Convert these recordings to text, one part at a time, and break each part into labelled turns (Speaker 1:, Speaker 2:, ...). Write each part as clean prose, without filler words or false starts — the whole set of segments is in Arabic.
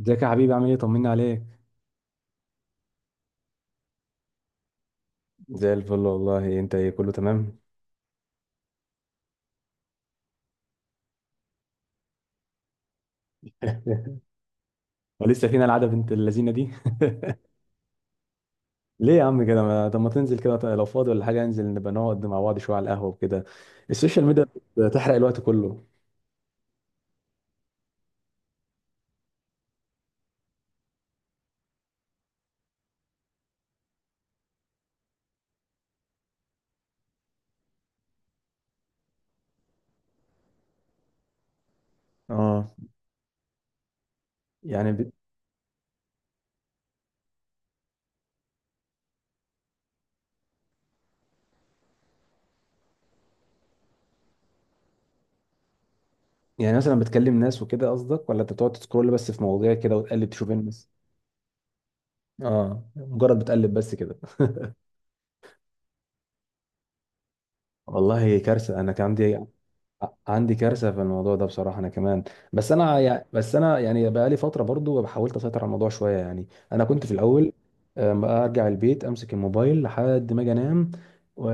Speaker 1: ازيك يا حبيبي؟ عامل ايه؟ طمنا عليك. زي الفل والله. انت ايه؟ كله تمام؟ ولسه فينا العاده بنت اللذينه دي؟ ليه يا عم كده؟ ما طب ما تنزل كده لو فاضي ولا حاجه، انزل نبقى نقعد مع بعض شويه على القهوه وكده. السوشيال ميديا بتحرق الوقت كله. اه. يعني ب... يعني مثلا بتكلم ناس وكده قصدك، ولا انت بتقعد تسكرول بس في مواضيع كده وتقلب تشوف الناس؟ اه، مجرد بتقلب بس كده. والله كارثه، انا كان عندي كارثه في الموضوع ده بصراحه. انا كمان بس انا يعني بقى لي فتره برضو، حاولت اسيطر على الموضوع شويه. يعني انا كنت في الاول، ارجع البيت، امسك الموبايل لحد ما اجي انام، و-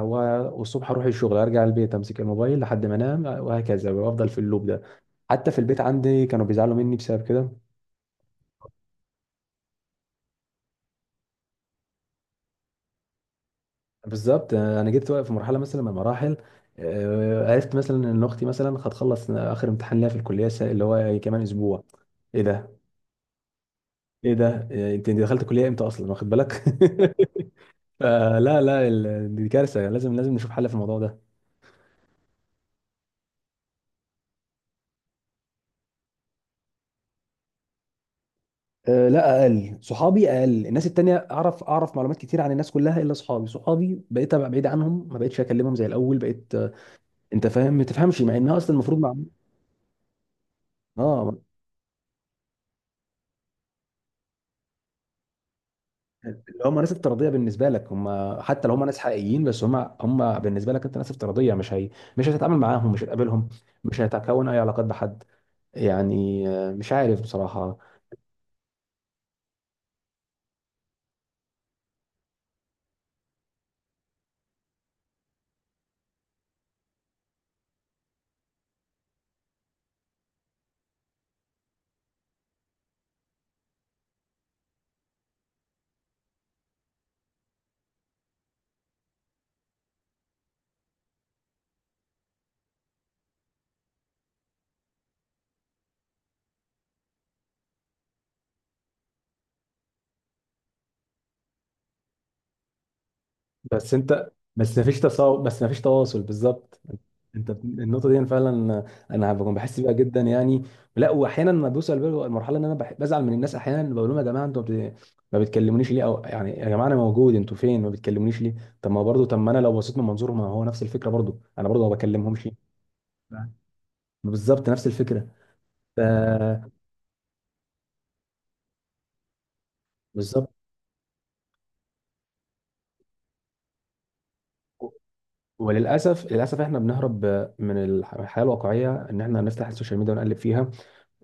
Speaker 1: والصبح اروح الشغل، ارجع البيت، امسك الموبايل لحد ما انام، وهكذا، وافضل في اللوب ده. حتى في البيت عندي كانوا بيزعلوا مني بسبب كده. بالظبط. انا جيت في مرحله مثلا من المراحل، عرفت مثلا ان اختي مثلا هتخلص اخر امتحان ليها في اللي هو كمان اسبوع. ايه ده؟ ايه ده انت دخلت كليه امتى اصلا واخد بالك؟ آه لا لا ال- دي كارثه، لازم نشوف حل في الموضوع ده. آه، لا، اقل صحابي، اقل الناس التانية. اعرف معلومات كتير عن الناس كلها الا صحابي. بقيت ابقى بعيد عنهم، ما بقتش اكلمهم زي الاول، بقيت آه، انت فاهم ما تفهمش، مع انها اصلا المفروض مع. اه. اللي هم ناس افتراضيه بالنسبه لك، حتى لو هم ناس حقيقيين، بس هم بالنسبه لك انت ناس افتراضيه، مش هي. مش هتتعامل معاهم، مش هتقابلهم، مش هتكون اي علاقات بحد. يعني مش عارف بصراحه. بس انت بس مفيش تصاو بس مفيش تواصل، بالظبط. انت النقطه دي انا فعلا انا بكون بحس بيها جدا يعني. لا، واحيانا ما بوصل بال- المرحله ان انا بزعل من الناس احيانا، بقول لهم يا جماعه ما بتكلمونيش ليه؟ او يعني يا جماعه انا موجود، انتوا فين؟ ما بتكلمونيش ليه؟ طب ما انا لو بصيت من منظور، ما هو نفس الفكره، برضه انا برضه ما بكلمهمش. بالظبط نفس الفكره. ف بالظبط. وللاسف، للاسف احنا بنهرب الحياه الواقعيه، ان احنا نفتح السوشيال ميديا ونقلب فيها.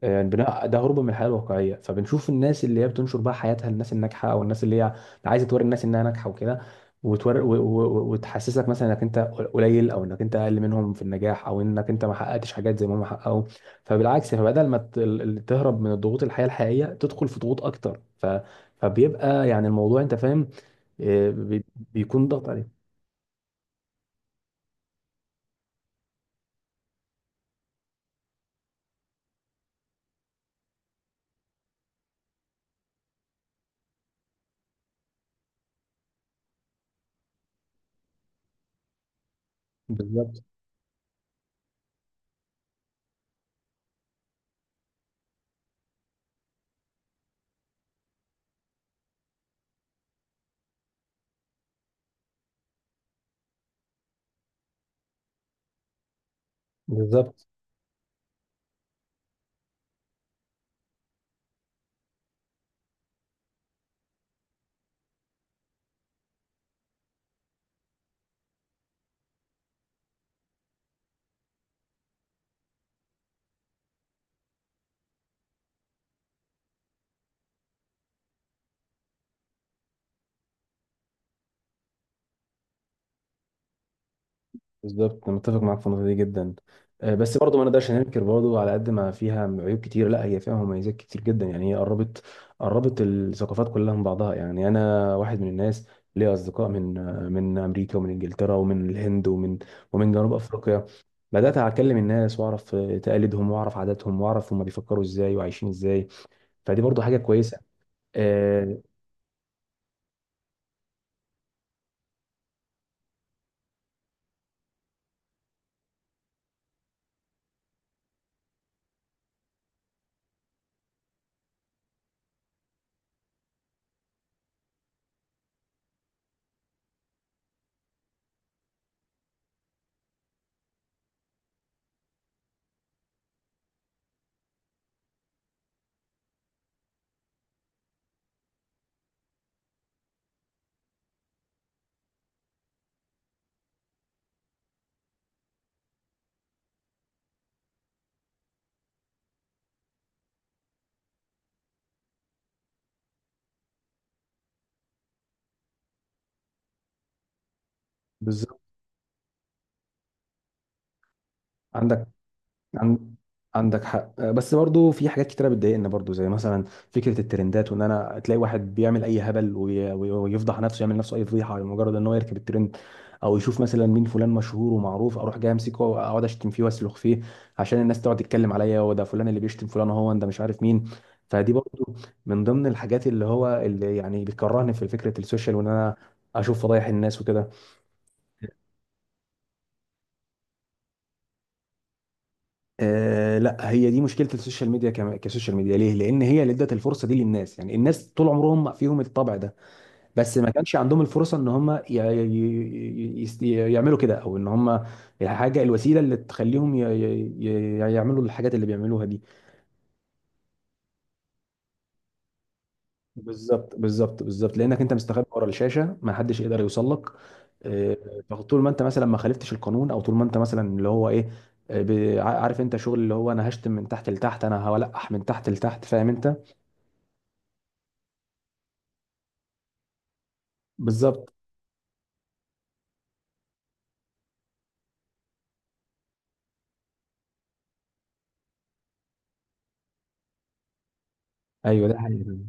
Speaker 1: يعني البناء ده هروب من الحياه الواقعيه، فبنشوف الناس اللي هي بتنشر بقى حياتها للناس، الناجحه، او الناس اللي هي عايزه توري الناس انها ناجحه وكده. وتحسسك مثلا انك انت قليل، او انك انت اقل منهم في النجاح، او انك انت ما حققتش حاجات زي ما هم حققوا. فبالعكس، فبدل ما تهرب من الضغوط الحياه الحقيقيه، تدخل في ضغوط اكتر. فبيبقى يعني الموضوع، انت فاهم، بيكون ضغط عليك. بالظبط بالظبط بالظبط. أنا متفق معاك في النقطه دي جدا. بس برضه ما نقدرش ننكر برضه، على قد ما فيها عيوب كتير، لا هي فيها مميزات كتير جدا. يعني هي قربت الثقافات كلها من بعضها. يعني انا واحد من الناس ليا اصدقاء من من امريكا، ومن انجلترا، ومن الهند، ومن جنوب افريقيا. بدات اكلم الناس واعرف تقاليدهم، واعرف عاداتهم، واعرف هم بيفكروا ازاي وعايشين ازاي. فدي برضه حاجه كويسه. آه، بالظبط. عندك عن- عندك حق. بس برضو في حاجات كتيرة بتضايقنا برضو، زي مثلا فكرة الترندات، وان انا تلاقي واحد بيعمل اي هبل ويفضح نفسه، يعمل نفسه اي فضيحة لمجرد ان هو يركب الترند، او يشوف مثلا مين فلان مشهور ومعروف، اروح جاي امسكه واقعد اشتم فيه واسلخ فيه، عشان الناس تقعد تتكلم عليا هو ده فلان اللي بيشتم فلان، هو ده مش عارف مين. فدي برضو من ضمن الحاجات اللي هو اللي يعني بتكرهني في فكرة السوشيال، وان انا اشوف فضايح الناس وكده. آه، لا، هي دي مشكله السوشيال ميديا كسوشيال ميديا. ليه؟ لان هي اللي ادت الفرصه دي للناس. يعني الناس طول عمرهم فيهم الطبع ده، بس ما كانش عندهم الفرصه ان هم يعملوا كده، او ان هم الوسيله اللي تخليهم يعملوا الحاجات اللي بيعملوها دي. بالظبط بالظبط، لانك انت مستخبي ورا الشاشه، ما حدش يقدر يوصل لك. آه، فطول ما انت مثلا ما خالفتش القانون، او طول ما انت مثلا اللي هو ايه، عارف انت شغل اللي هو انا هشتم من تحت لتحت، انا هولقح من تحت لتحت، فاهم انت. بالظبط. ايوه، ده حقيقي فعلا.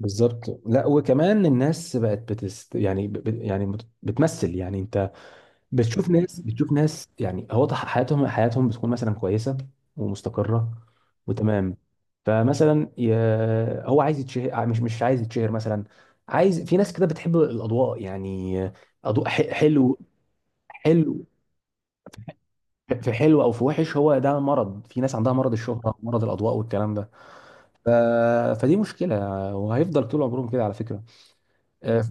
Speaker 1: بالظبط، لا وكمان الناس بقت بتست، يعني بتمثل. يعني انت بتشوف ناس يعني هو حياتهم، بتكون مثلا كويسه، ومستقره، وتمام. فمثلا هو عايز يتشهر، مش عايز يتشهر مثلا، عايز، في ناس كده بتحب الاضواء يعني. اضواء حلو، حلو، في حلو او في وحش. هو ده مرض، في ناس عندها مرض الشهره، مرض الاضواء والكلام ده. ف... فدي مشكله، وهيفضل طول عمرهم كده على فكره. آه، مم.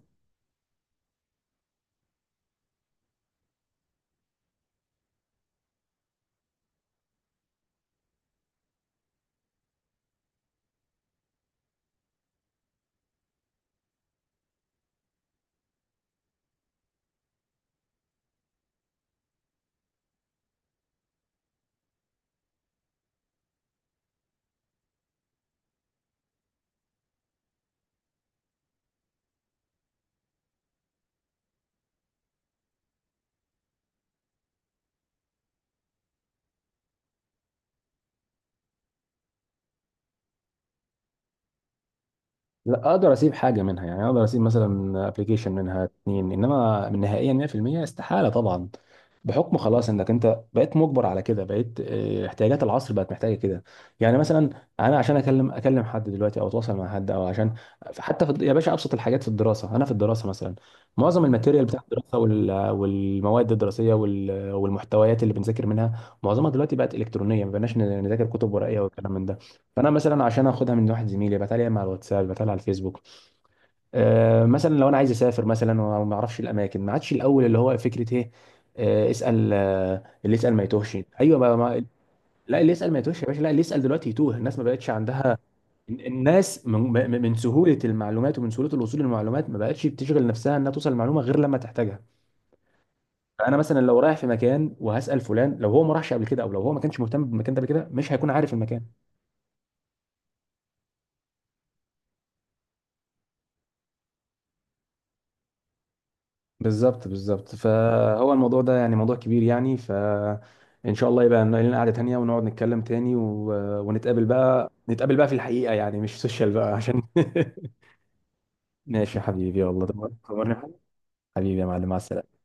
Speaker 1: لا، اقدر اسيب حاجه منها. يعني اقدر اسيب مثلا ابلكيشن منها اتنين، انما نهائيا 100% استحاله طبعا. بحكم خلاص انك انت بقيت مجبر على كده، بقيت آه، احتياجات العصر بقت محتاجه كده. يعني مثلا انا عشان اكلم حد دلوقتي، او اتواصل مع حد، او عشان حتى في يا باشا ابسط الحاجات في الدراسه، انا في الدراسه مثلا معظم الماتيريال بتاع الدراسه والمواد الدراسيه والمحتويات اللي بنذاكر منها، معظمها دلوقتي بقت الكترونيه، ما بقناش نذاكر كتب ورقيه والكلام من ده. فانا مثلا عشان اخدها من واحد زميلي، بتعالى مع الواتساب، بتعالى على الفيسبوك. آه، مثلا لو انا عايز اسافر مثلا وما اعرفش الاماكن، ما عادش الاول اللي هو فكره ايه، اسال، اللي يسال ما يتوهش. ايوه، لا، اللي يسال ما يتوهش يا باشا، لا، اللي يسال دلوقتي يتوه. الناس ما بقتش عندها، الناس من سهوله المعلومات ومن سهوله الوصول للمعلومات، ما بقتش بتشغل نفسها انها توصل المعلومه غير لما تحتاجها. فانا مثلا لو رايح في مكان وهسال فلان، لو هو ما راحش قبل كده، او لو هو ما كانش مهتم بالمكان ده قبل كده، مش هيكون عارف المكان. بالظبط، بالظبط. فهو الموضوع ده يعني موضوع كبير يعني. فإن شاء الله يبقى لنا قعدة تانية ونقعد نتكلم تاني ونتقابل بقى، نتقابل بقى في الحقيقة يعني، مش سوشيال بقى عشان. ماشي يا حبيبي، والله تمام، تمام يا حبيبي. حبيبي يا معلم، مع السلامة.